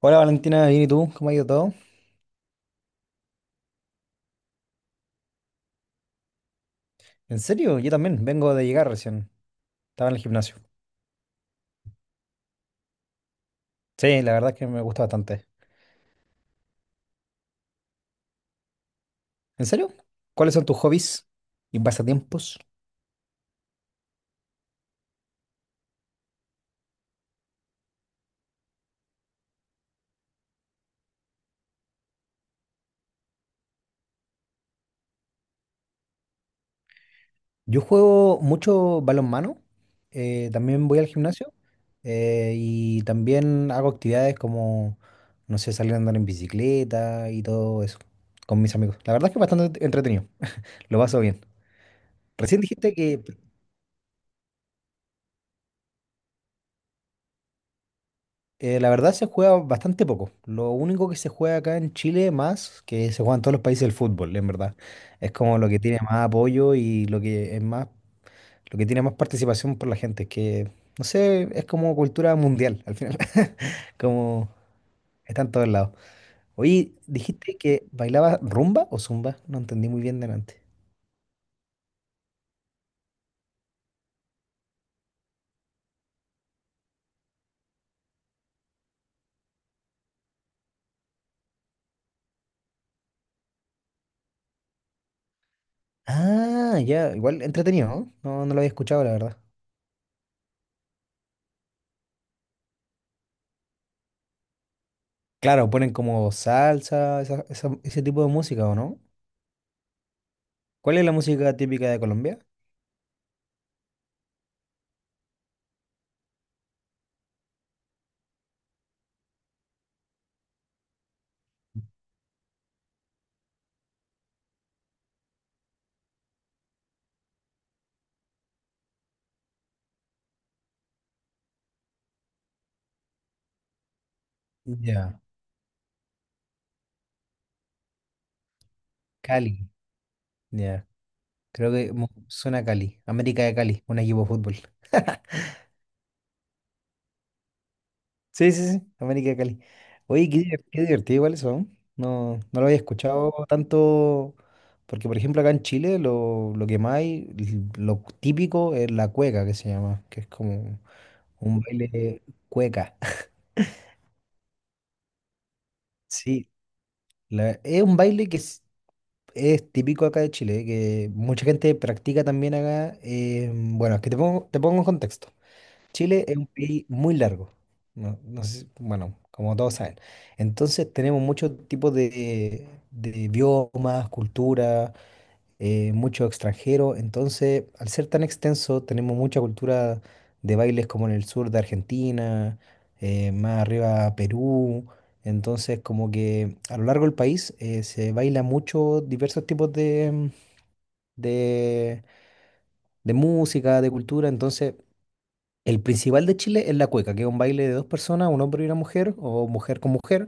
Hola Valentina, bien y tú, ¿cómo ha ido todo? ¿En serio? Yo también, vengo de llegar recién. Estaba en el gimnasio. Sí, la verdad es que me gusta bastante. ¿En serio? ¿Cuáles son tus hobbies y pasatiempos? Yo juego mucho balonmano, también voy al gimnasio y también hago actividades como, no sé, salir a andar en bicicleta y todo eso con mis amigos. La verdad es que es bastante entretenido, lo paso bien. Recién dijiste que. La verdad se juega bastante poco. Lo único que se juega acá en Chile más, que se juega en todos los países del fútbol, en verdad. Es como lo que tiene más apoyo y lo que es más, lo que tiene más participación por la gente, que no sé, es como cultura mundial al final. Como está en todos lados. Oye, dijiste que bailaba rumba o zumba, no entendí muy bien delante. Ah, ya, igual entretenido, ¿no? No, no lo había escuchado, la verdad. Claro, ponen como salsa, ese tipo de música, ¿o no? ¿Cuál es la música típica de Colombia? Ya. Cali. Ya. Creo que suena a Cali. América de Cali, un equipo de fútbol. Sí, sí, sí, América de Cali. Oye, qué divertido igual eso, ¿no? No, no lo había escuchado tanto, porque por ejemplo acá en Chile lo que más hay, lo típico es la cueca que se llama, que es como un baile cueca. Sí, es un baile que es típico acá de Chile, que mucha gente practica también acá. Bueno, es que te pongo en contexto. Chile es un país muy largo. No, no sé, bueno, como todos saben. Entonces tenemos muchos tipos de biomas, culturas, mucho extranjero. Entonces, al ser tan extenso, tenemos mucha cultura de bailes como en el sur de Argentina, más arriba Perú. Entonces, como que a lo largo del país se baila mucho diversos tipos de, de música, de cultura. Entonces, el principal de Chile es la cueca, que es un baile de dos personas, un hombre y una mujer, o mujer con mujer,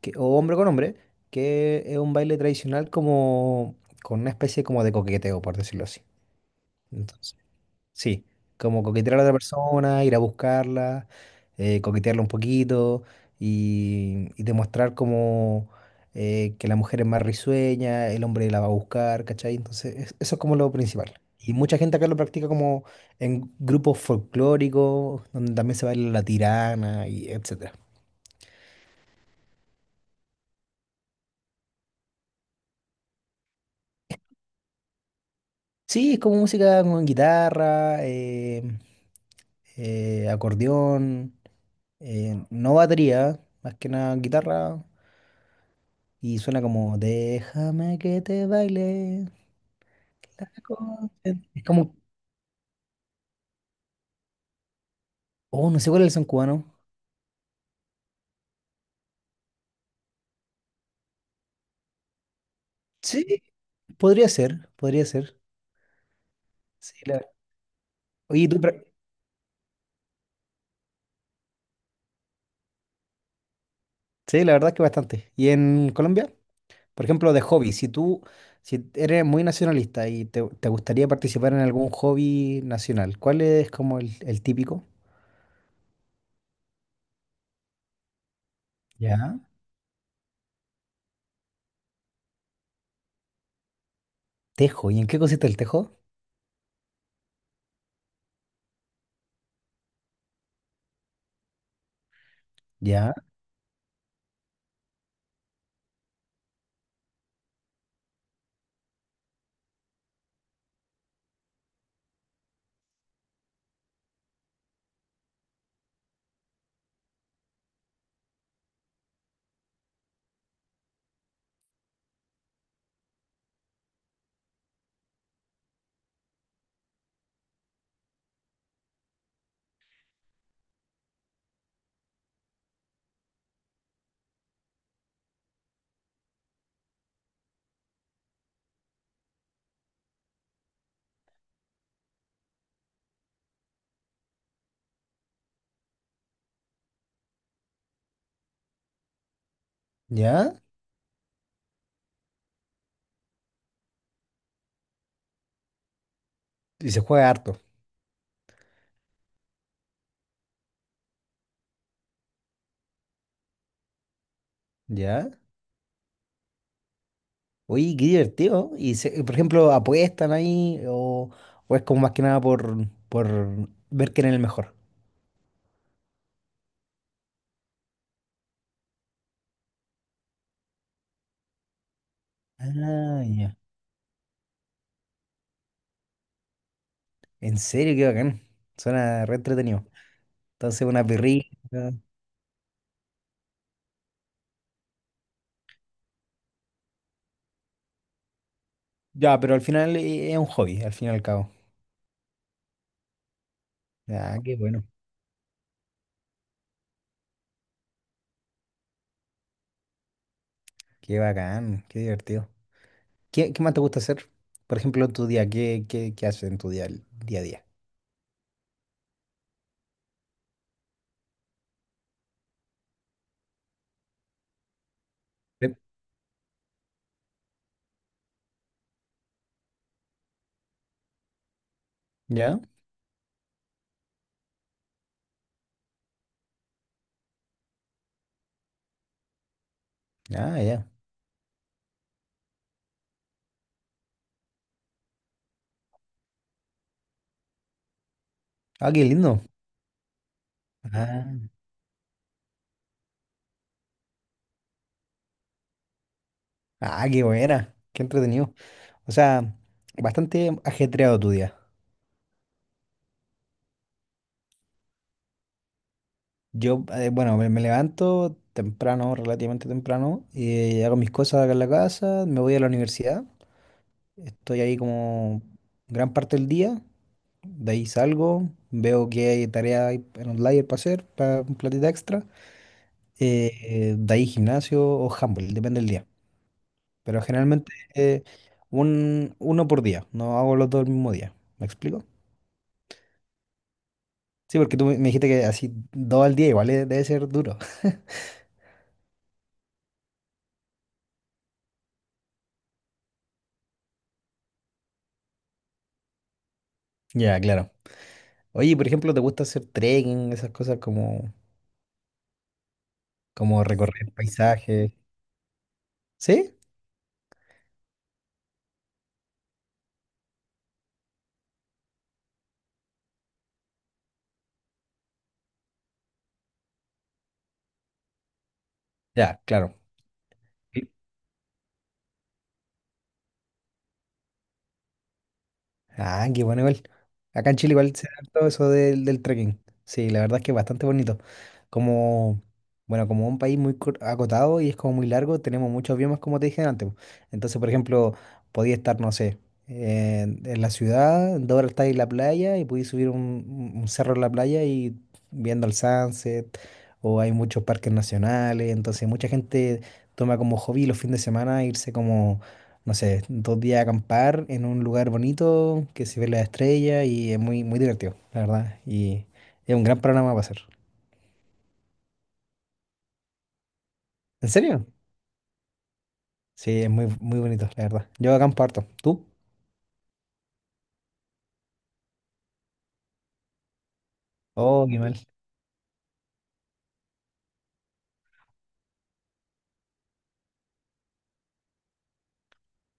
o hombre con hombre, que es un baile tradicional como con una especie como de coqueteo, por decirlo así. Entonces, sí, como coquetear a la otra persona, ir a buscarla, coquetearla un poquito y demostrar como, que la mujer es más risueña, el hombre la va a buscar, ¿cachai? Entonces, eso es como lo principal. Y mucha gente acá lo practica como en grupos folclóricos, donde también se baila la tirana y etcétera. Sí, es como música con guitarra, acordeón, no batería, más que nada guitarra. Y suena como, déjame que te baile. La consciente". Es como, oh, no sé cuál es el son cubano. Sí, podría ser, podría ser. Sí, la, oye, tú pra- sí, la verdad es que bastante. ¿Y en Colombia? Por ejemplo, de hobby, si eres muy nacionalista y te gustaría participar en algún hobby nacional, ¿cuál es como el típico? Ya. Tejo. ¿Y en qué consiste el tejo? Ya. Ya. Y se juega harto. Ya. Oye, qué divertido. Por ejemplo, ¿apuestan ahí o es como más que nada por ver quién es el mejor? Ah, ya. En serio, qué bacán. Suena re entretenido. Entonces, una perrita. Ya, pero al final, es un hobby, al fin y al cabo. Ah, qué bueno. Qué bacán, qué divertido. ¿Qué más te gusta hacer? Por ejemplo, en tu día, ¿qué haces en día a día? Sí. ¿Ya? Ah, ya. Ah, qué lindo. Ah, ah, qué buena. Qué entretenido. O sea, bastante ajetreado tu día. Bueno, me levanto temprano, relativamente temprano, y hago mis cosas acá en la casa, me voy a la universidad, estoy ahí como gran parte del día, de ahí salgo, veo que hay tarea ahí en Outlier para hacer, para un platita extra, de ahí gimnasio o handball, depende del día. Pero generalmente, uno por día, no hago los dos el mismo día, ¿me explico? Sí, porque tú me dijiste que así dos al día igual, debe ser duro. Ya, claro. Oye, por ejemplo, ¿te gusta hacer trekking, esas cosas como recorrer paisajes? ¿Sí? Ya, claro. Sí. Ah, qué bueno igual. Acá en Chile igual se da todo eso del trekking. Sí, la verdad es que es bastante bonito. Como, bueno, como un país muy acotado y es como muy largo, tenemos muchos biomas, como te dije antes, po. Entonces, por ejemplo, podía estar, no sé, en la ciudad, en 2 horas estáis en la playa y podéis subir un cerro en la playa y viendo el sunset, o hay muchos parques nacionales, entonces mucha gente toma como hobby los fines de semana irse como. No sé, 2 días a acampar en un lugar bonito que se ve la estrella y es muy, muy divertido, la verdad. Y es un gran programa para hacer. ¿En serio? Sí, es muy, muy bonito, la verdad. Yo acampo harto. ¿Tú? Oh, qué mal.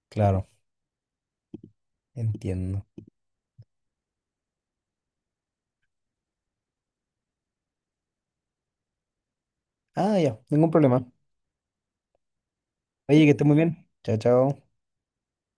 Claro, entiendo. Ah, ya, ningún problema. Oye, que estés muy bien. Chao, chao.